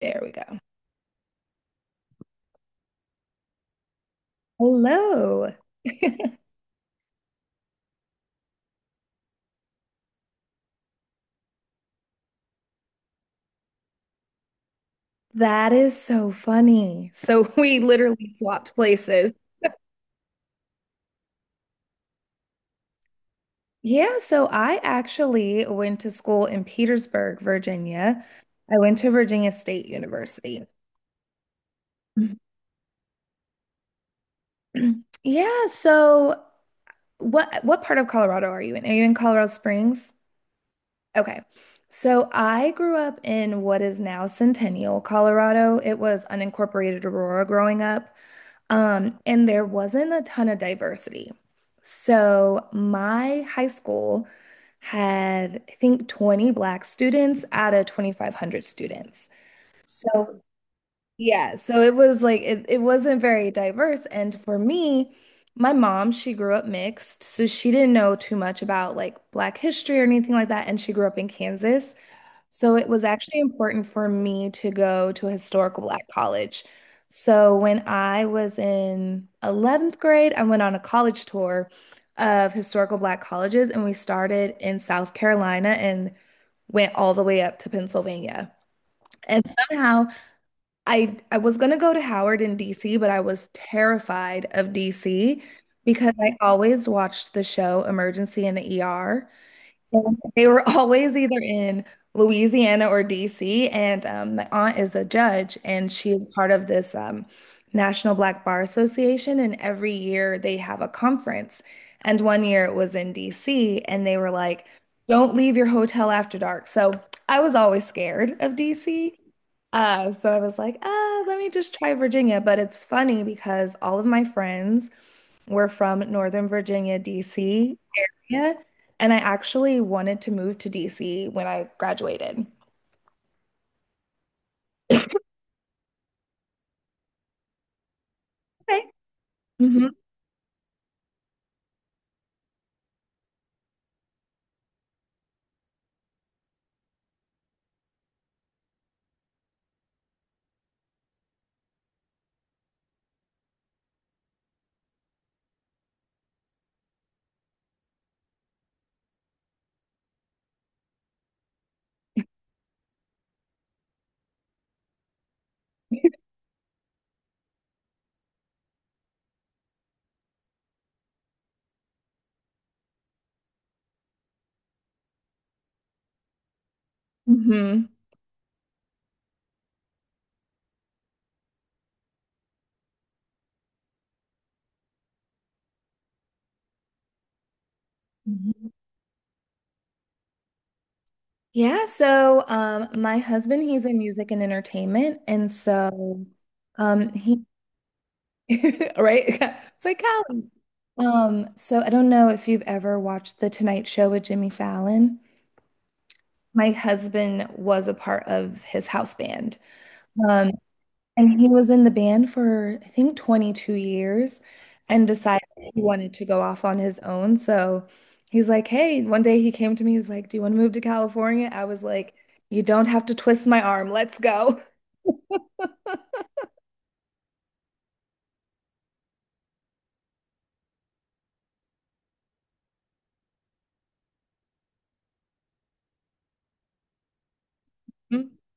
There we go. Hello. That is so funny. So we literally swapped places. Yeah, so I actually went to school in Petersburg, Virginia. I went to Virginia State University. Yeah, so what part of Colorado are you in? Are you in Colorado Springs? Okay. So I grew up in what is now Centennial, Colorado. It was unincorporated Aurora growing up. And there wasn't a ton of diversity. So my high school had, I think, 20 black students out of 2,500 students. So yeah, so it was like it wasn't very diverse. And for me, my mom, she grew up mixed, so she didn't know too much about like black history or anything like that. And she grew up in Kansas. So it was actually important for me to go to a historical black college. So when I was in 11th grade, I went on a college tour of historical black colleges, and we started in South Carolina and went all the way up to Pennsylvania. And somehow I was going to go to Howard in DC, but I was terrified of DC because I always watched the show Emergency in the ER. And they were always either in Louisiana or DC. And my aunt is a judge, and she is part of this National Black Bar Association. And every year they have a conference. And one year it was in DC, and they were like, "Don't leave your hotel after dark." So I was always scared of DC. So I was like, "Ah, let me just try Virginia." But it's funny because all of my friends we're from Northern Virginia, DC area, and I actually wanted to move to DC when I graduated. Okay. Hmm. Hmm. Yeah, so my husband, he's in music and entertainment, and so he right, it's like Callie. So I don't know if you've ever watched The Tonight Show with Jimmy Fallon. My husband was a part of his house band. Um, And he was in the band for, I think, 22 years and decided he wanted to go off on his own. So he's like, hey, one day he came to me, he was like, do you want to move to California? I was like, you don't have to twist my arm. Let's go. Mhm.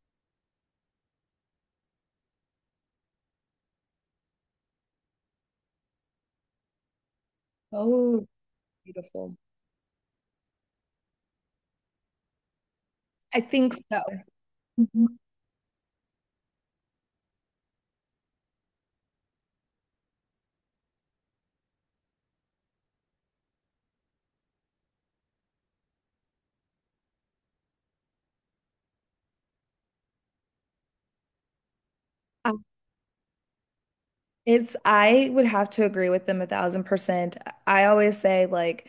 Oh, beautiful. I think so. Mhm. Uh, It's, I would have to agree with them 1,000%. I always say, like,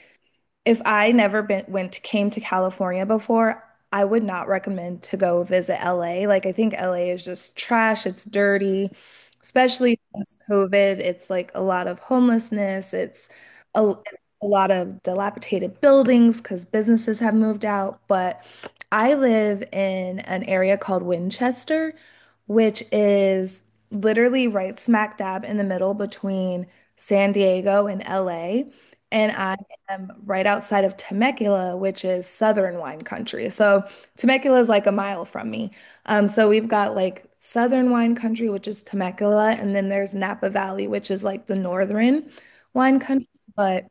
if I never been went came to California before, I would not recommend to go visit LA. Like I think LA is just trash. It's dirty, especially since COVID. It's like a lot of homelessness. It's a, a lot of dilapidated buildings because businesses have moved out. But I live in an area called Winchester, which is literally right smack dab in the middle between San Diego and LA. And I am right outside of Temecula, which is southern wine country. So Temecula is like a mile from me. So we've got like southern wine country, which is Temecula, and then there's Napa Valley, which is like the northern wine country. But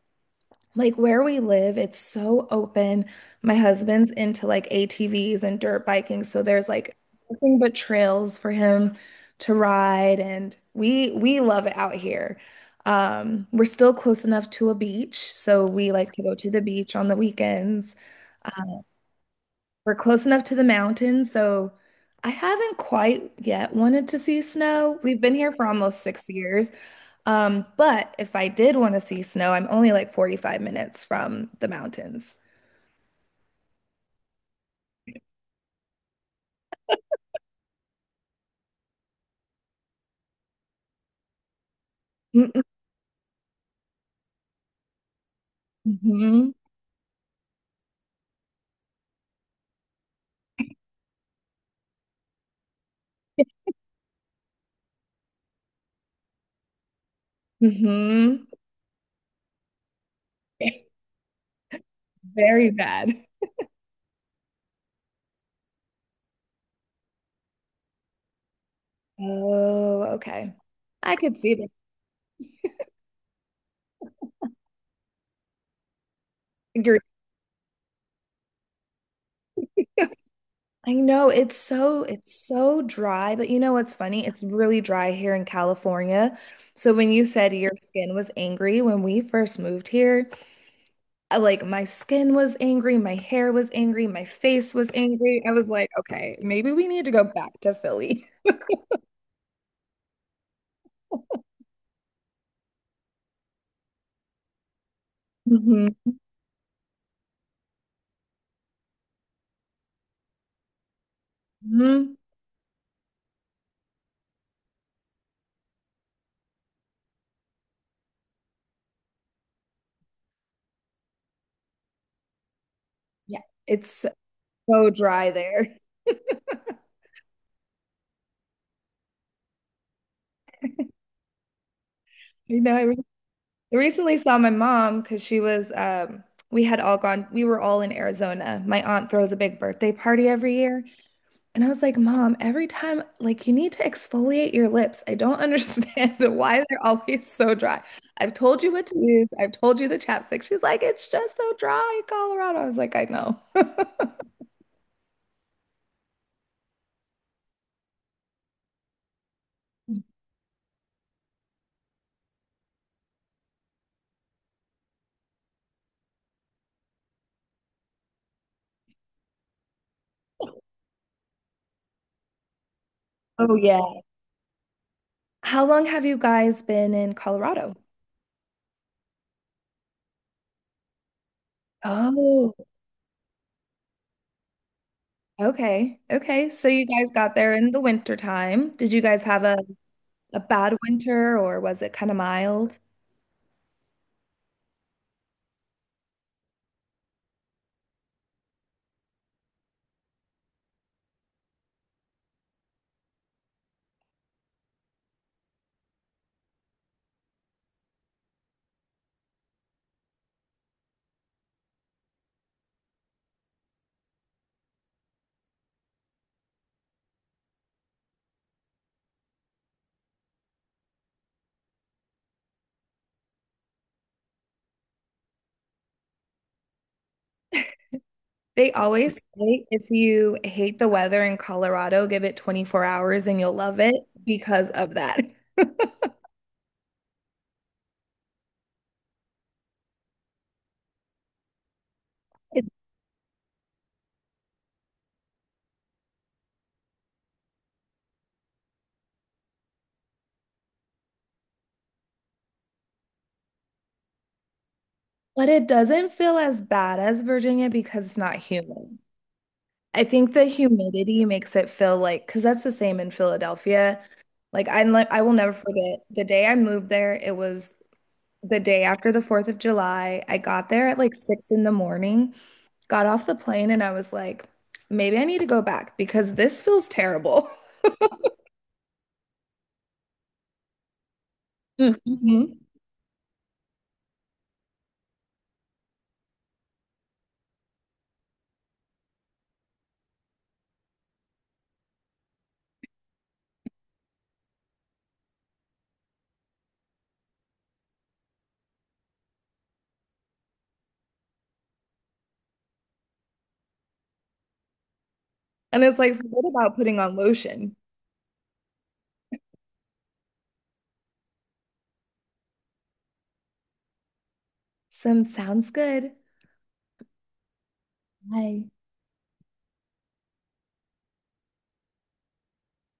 like where we live, it's so open. My husband's into like ATVs and dirt biking, so there's like nothing but trails for him to ride, and we love it out here. We're still close enough to a beach, so we like to go to the beach on the weekends. We're close enough to the mountains, so I haven't quite yet wanted to see snow. We've been here for almost 6 years. But if I did want to see snow, I'm only like 45 minutes from the mountains. Mm-hmm. Mm-hmm. Very bad. Oh, okay. I could see that. You're I know it's so dry, but you know what's funny? It's really dry here in California. So when you said your skin was angry when we first moved here, like my skin was angry, my hair was angry, my face was angry. I was like, okay, maybe we need to go back to Philly. Mm-hmm. Yeah, it's so dry there. You know, I recently saw my mom because she was, we had all gone, we were all in Arizona. My aunt throws a big birthday party every year. And I was like, Mom, every time, like, you need to exfoliate your lips. I don't understand why they're always so dry. I've told you what to use, I've told you the chapstick. She's like, it's just so dry in Colorado. I was like, I know. Oh, yeah. How long have you guys been in Colorado? Oh, okay. Okay. So you guys got there in the winter time. Did you guys have a bad winter or was it kind of mild? They always say if you hate the weather in Colorado, give it 24 hours and you'll love it because of that. It- But it doesn't feel as bad as Virginia because it's not humid. I think the humidity makes it feel like, because that's the same in Philadelphia. Like I will never forget the day I moved there. It was the day after the 4th of July. I got there at like six in the morning got off the plane and I was like, maybe I need to go back because this feels terrible. Mm-hmm. And it's like, forget about putting on lotion. Some sounds good. Bye.